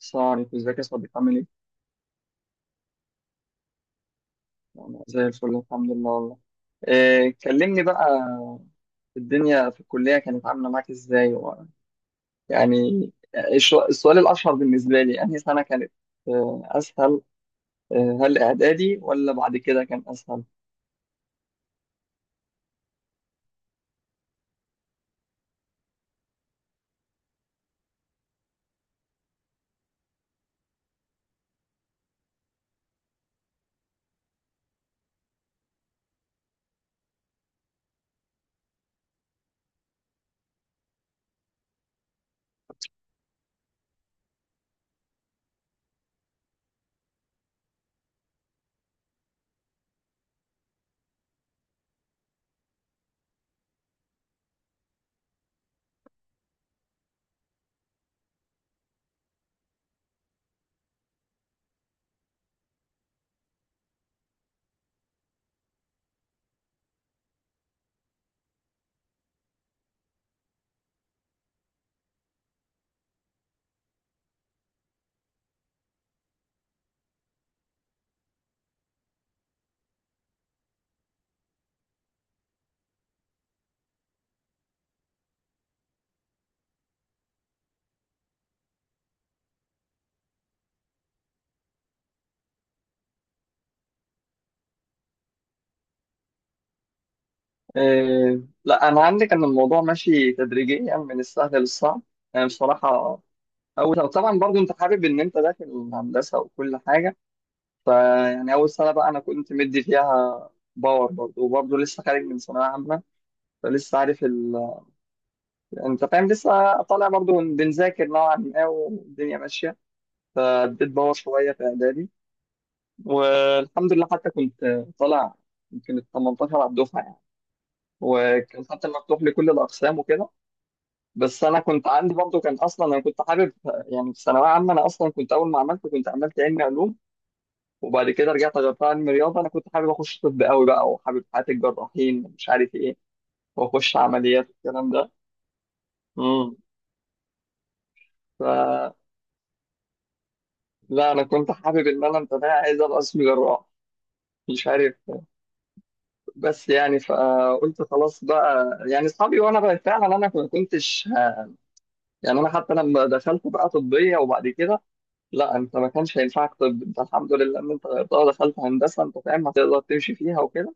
السلام عليكم، ازيك يا صديقي عامل ايه؟ انا زي الفل، الحمد لله والله. إيه، كلمني بقى. الدنيا في الكلية كانت عاملة معاك ازاي؟ يعني السؤال الأشهر بالنسبة لي أنهي سنة كانت أسهل؟ هل إعدادي ولا بعد كده كان أسهل؟ لا، أنا عندي كان الموضوع ماشي تدريجيا من السهل للصعب. يعني بصراحة أول طبعا برضو أنت حابب إن أنت داخل الهندسة وكل حاجة. فيعني أول سنة بقى أنا كنت مدي فيها باور برضه وبرضه لسه خارج من ثانوية عامة، فلسه عارف أنت فاهم، لسه طالع برضه بنذاكر نوعا ما والدنيا ماشية. فاديت باور شوية في إعدادي والحمد لله حتى كنت طالع يمكن ال 18 على الدفعة يعني. وكان حتى مفتوح لكل الأقسام وكده. بس أنا كنت عندي برضه، كان أصلا أنا كنت حابب يعني في ثانوية عامة، أنا أصلا كنت أول ما عملت كنت عملت علمي علوم. وبعد كده رجعت غيرتها علم رياضه. انا كنت حابب اخش طب قوي بقى، وحابب حياه الجراحين، مش عارف ايه، واخش عمليات والكلام ده. امم ف لا، انا كنت حابب ان انا انت عايز ابقى اسمي جراح، مش عارف. بس يعني فقلت خلاص بقى، يعني اصحابي وانا بقى فعلا انا ما كنتش يعني انا حتى لما دخلت بقى طبيه وبعد كده. لا، انت ما كانش هينفعك طب، انت الحمد لله ان انت غيرتها ودخلت هندسه، انت فاهم هتقدر تمشي فيها وكده.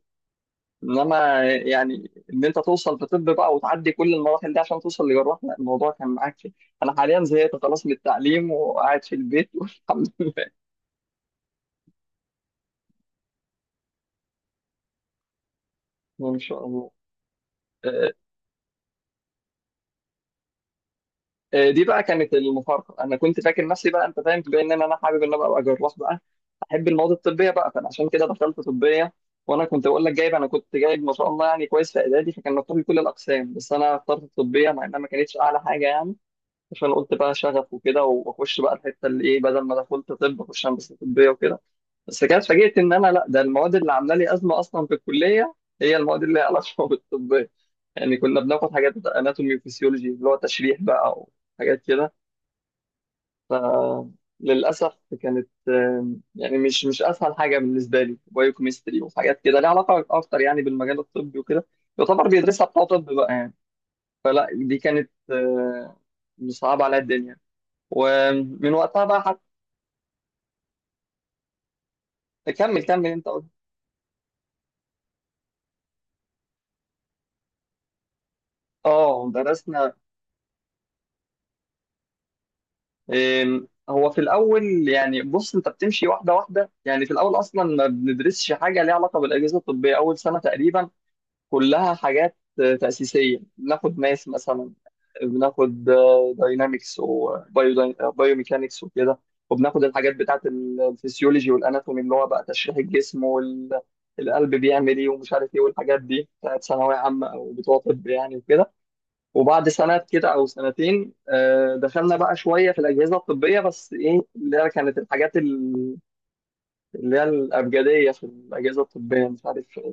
انما يعني ان انت توصل في طب بقى وتعدي كل المراحل دي عشان توصل لجراح، لا الموضوع كان معاك فيه. انا حاليا زهقت خلاص من التعليم وقاعد في البيت والحمد لله. ان شاء الله. آه، دي بقى كانت المفارقه. انا كنت فاكر نفسي بقى، انت فاهم، بما ان انا حابب ان أنا ابقى جراح بقى، احب المواد الطبيه بقى، فانا عشان كده دخلت طبيه. وانا كنت بقول لك جايب، انا كنت جايب ما شاء الله يعني كويس في اعدادي، فكان مطلوب لي كل الاقسام بس انا اخترت الطبيه مع انها ما كانتش اعلى حاجه يعني. عشان قلت بقى شغف وكده، واخش بقى الحته اللي ايه، بدل ما دخلت طب اخش هندسه طبيه وكده. بس كده اتفاجئت ان انا، لا ده المواد اللي عامله لي ازمه اصلا في الكليه هي المواد اللي ليها علاقه بالطبيه. يعني كنا بناخد حاجات اناتومي وفسيولوجي اللي هو تشريح بقى، وحاجات كده. للاسف كانت يعني مش اسهل حاجه بالنسبه لي، بايوكيمستري وحاجات كده ليها علاقه اكتر يعني بالمجال الطبي وكده، يعتبر بيدرسها بتوع طب بقى يعني. فلا دي كانت صعبه على الدنيا. ومن وقتها بقى. كمل كمل انت قلت. اه درسنا. هو في الاول يعني، بص انت بتمشي واحده واحده. يعني في الاول اصلا ما بندرسش حاجه ليها علاقه بالاجهزه الطبيه اول سنه تقريبا. كلها حاجات تاسيسيه، بناخد ماس مثلا، بناخد داينامكس وبايوميكانكس وكده. وبناخد الحاجات بتاعت الفسيولوجي والاناتومي اللي هو بقى تشريح الجسم والقلب بيعمل ايه ومش عارف ايه، والحاجات دي بتاعت ثانويه عامه او بتوع طب يعني وكده. وبعد سنة كده أو سنتين دخلنا بقى شوية في الأجهزة الطبية، بس إيه اللي هي كانت الحاجات اللي هي الأبجدية في الأجهزة الطبية، مش عارف إيه.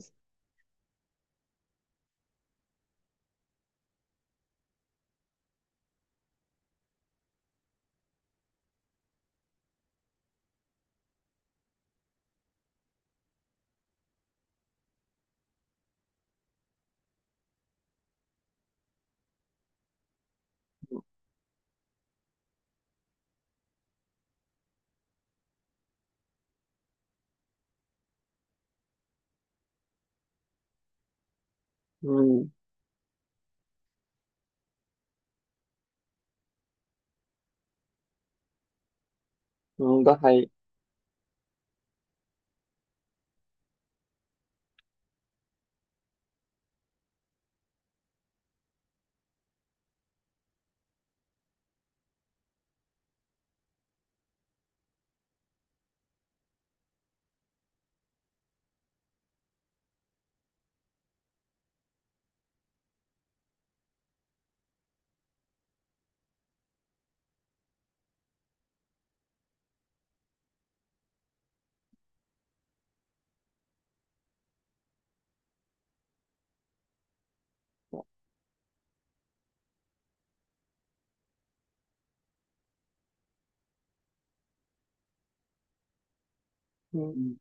مم. مم. ده حقيقي. مم.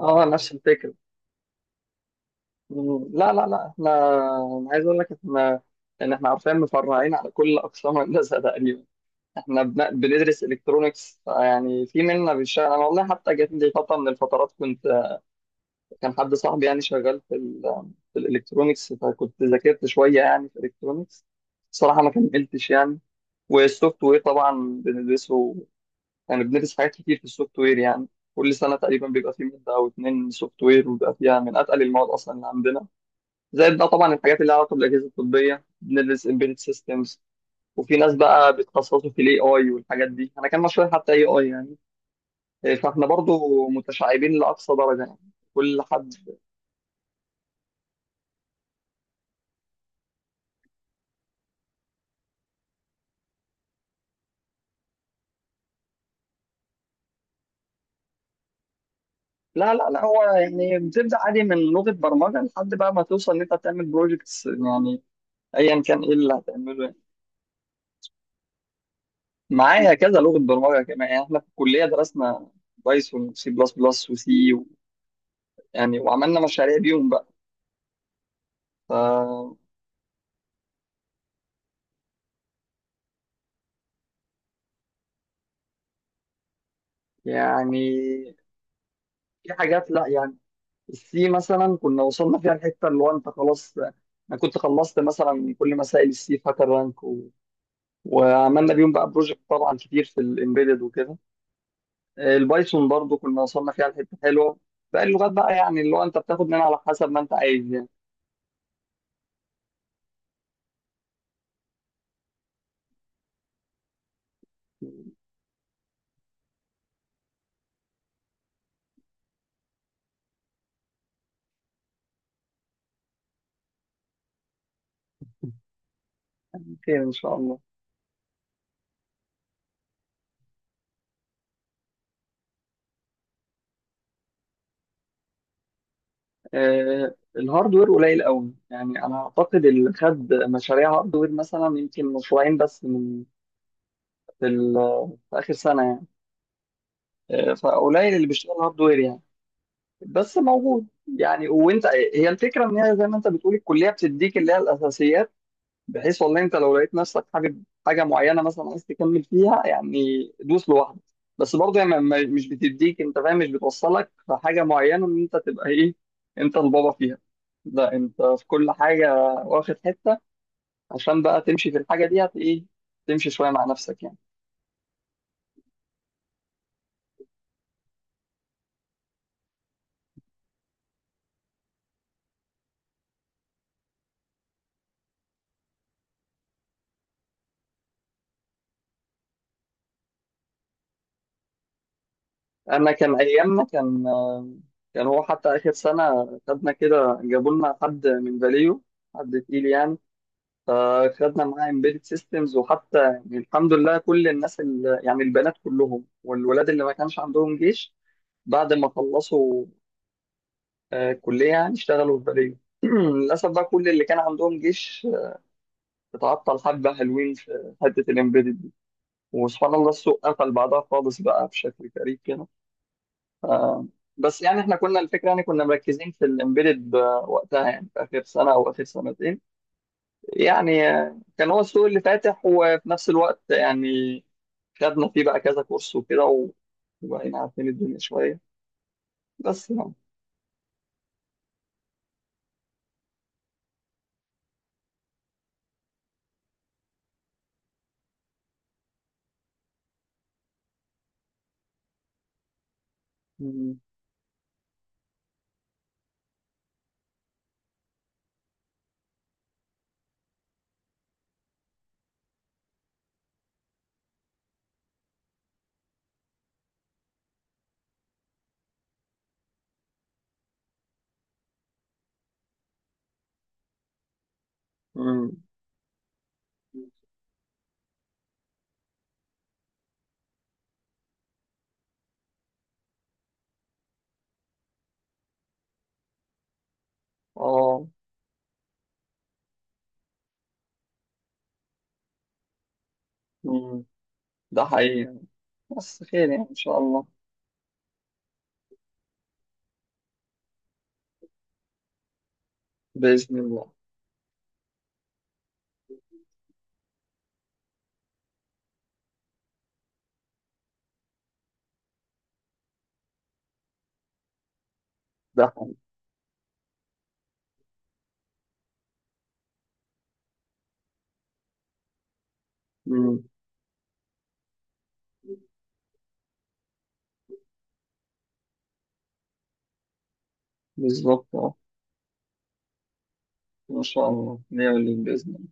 أه، نفس الفكرة. مم. لا لا لا، إحنا، أنا عايز أقول لك إحنا، إن إحنا عارفين مفرعين على كل أقسام الهندسة تقريبا. إحنا بندرس إلكترونيكس، يعني في منا بيشتغل. أنا والله حتى جات لي فترة من الفترات كنت، كان حد صاحبي يعني شغال في ال في الالكترونيكس، فكنت ذاكرت شويه يعني في الالكترونيكس، صراحه ما كملتش يعني. والسوفت وير طبعا بندرسه، يعني بندرس حاجات كتير في السوفت وير يعني. كل سنه تقريبا بيبقى فيه ماده او اتنين سوفت وير، وبيبقى فيها من اتقل المواد اصلا اللي عندنا. زائد بقى طبعا الحاجات اللي لها علاقه بالاجهزه الطبيه، بندرس امبيدد سيستمز. وفي ناس بقى بيتخصصوا في الاي اي والحاجات دي، انا كان مشروعي حتى اي اي يعني. إيه، فاحنا برضو متشعبين لاقصى درجه يعني، كل حد. لا لا لا، هو يعني بتبدأ عادي من لغة برمجة لحد بقى ما توصل إن أنت تعمل بروجكتس يعني، أيا كان إيه اللي هتعمله يعني. معايا كذا لغة برمجة، كمان يعني إحنا في الكلية درسنا بايثون وسي بلس بلس وسي يعني، وعملنا مشاريع بيهم بقى. ف يعني في حاجات، لا يعني، السي مثلا كنا وصلنا فيها الحتة اللي هو أنت خلاص، أنا كنت خلصت مثلا كل مسائل السي فاكر رانك وعملنا بيهم بقى بروجكت طبعا كتير في الإمبيدد وكده. البايثون برضو كنا وصلنا فيها لحته حلوه. باقي اللغات بقى يعني، اللي هو انت بتاخد منها على حسب ما انت عايز يعني. خير ان شاء الله. الهاردوير قليل قوي يعني، انا اعتقد اللي خد مشاريع هاردوير مثلا يمكن مشروعين بس من في, ال- في اخر سنه يعني. فقليل اللي بيشتغل هاردوير يعني، بس موجود. يعني وانت، هي الفكره ان هي زي ما انت بتقول الكليه بتديك اللي هي الاساسيات، بحيث والله انت لو لقيت نفسك حابب حاجه معينه مثلا عايز تكمل فيها يعني، دوس لوحدك. بس برضه يعني مش بتديك، انت فاهم مش بتوصلك لحاجه معينه ان انت تبقى ايه، انت البابا فيها. لا، انت في كل حاجه واخد حته، عشان بقى تمشي في الحاجه دي هت ايه، تمشي شويه مع نفسك يعني. انا كان ايامنا كان هو حتى اخر سنه خدنا كده، جابوا لنا حد من فاليو، حد تقيل يعني. فخدنا معاه embedded systems، وحتى يعني الحمد لله كل الناس اللي يعني البنات كلهم والولاد اللي ما كانش عندهم جيش، بعد ما خلصوا كلية يعني اشتغلوا في بلدية للأسف بقى كل اللي كان عندهم جيش اتعطل، حبة حلوين في حتة الامبيدد دي. وسبحان الله السوق قفل بعدها خالص بقى بشكل غريب كده. آه. بس يعني احنا كنا الفكرة، يعني كنا مركزين في الامبيدد وقتها يعني في آخر سنة أو آخر سنتين، يعني كان هو السوق اللي فاتح، وفي نفس الوقت يعني خدنا فيه بقى كذا كورس وكده وبقينا عارفين الدنيا شوية، بس يعني. مم. مم. اه. مم. ده حقيقي يعني. بس خير يعني إن شاء الله. بإذن الله. ده حقيقي. مم. بالظبط اه. إن شاء الله نعمل اللي بإذن الله.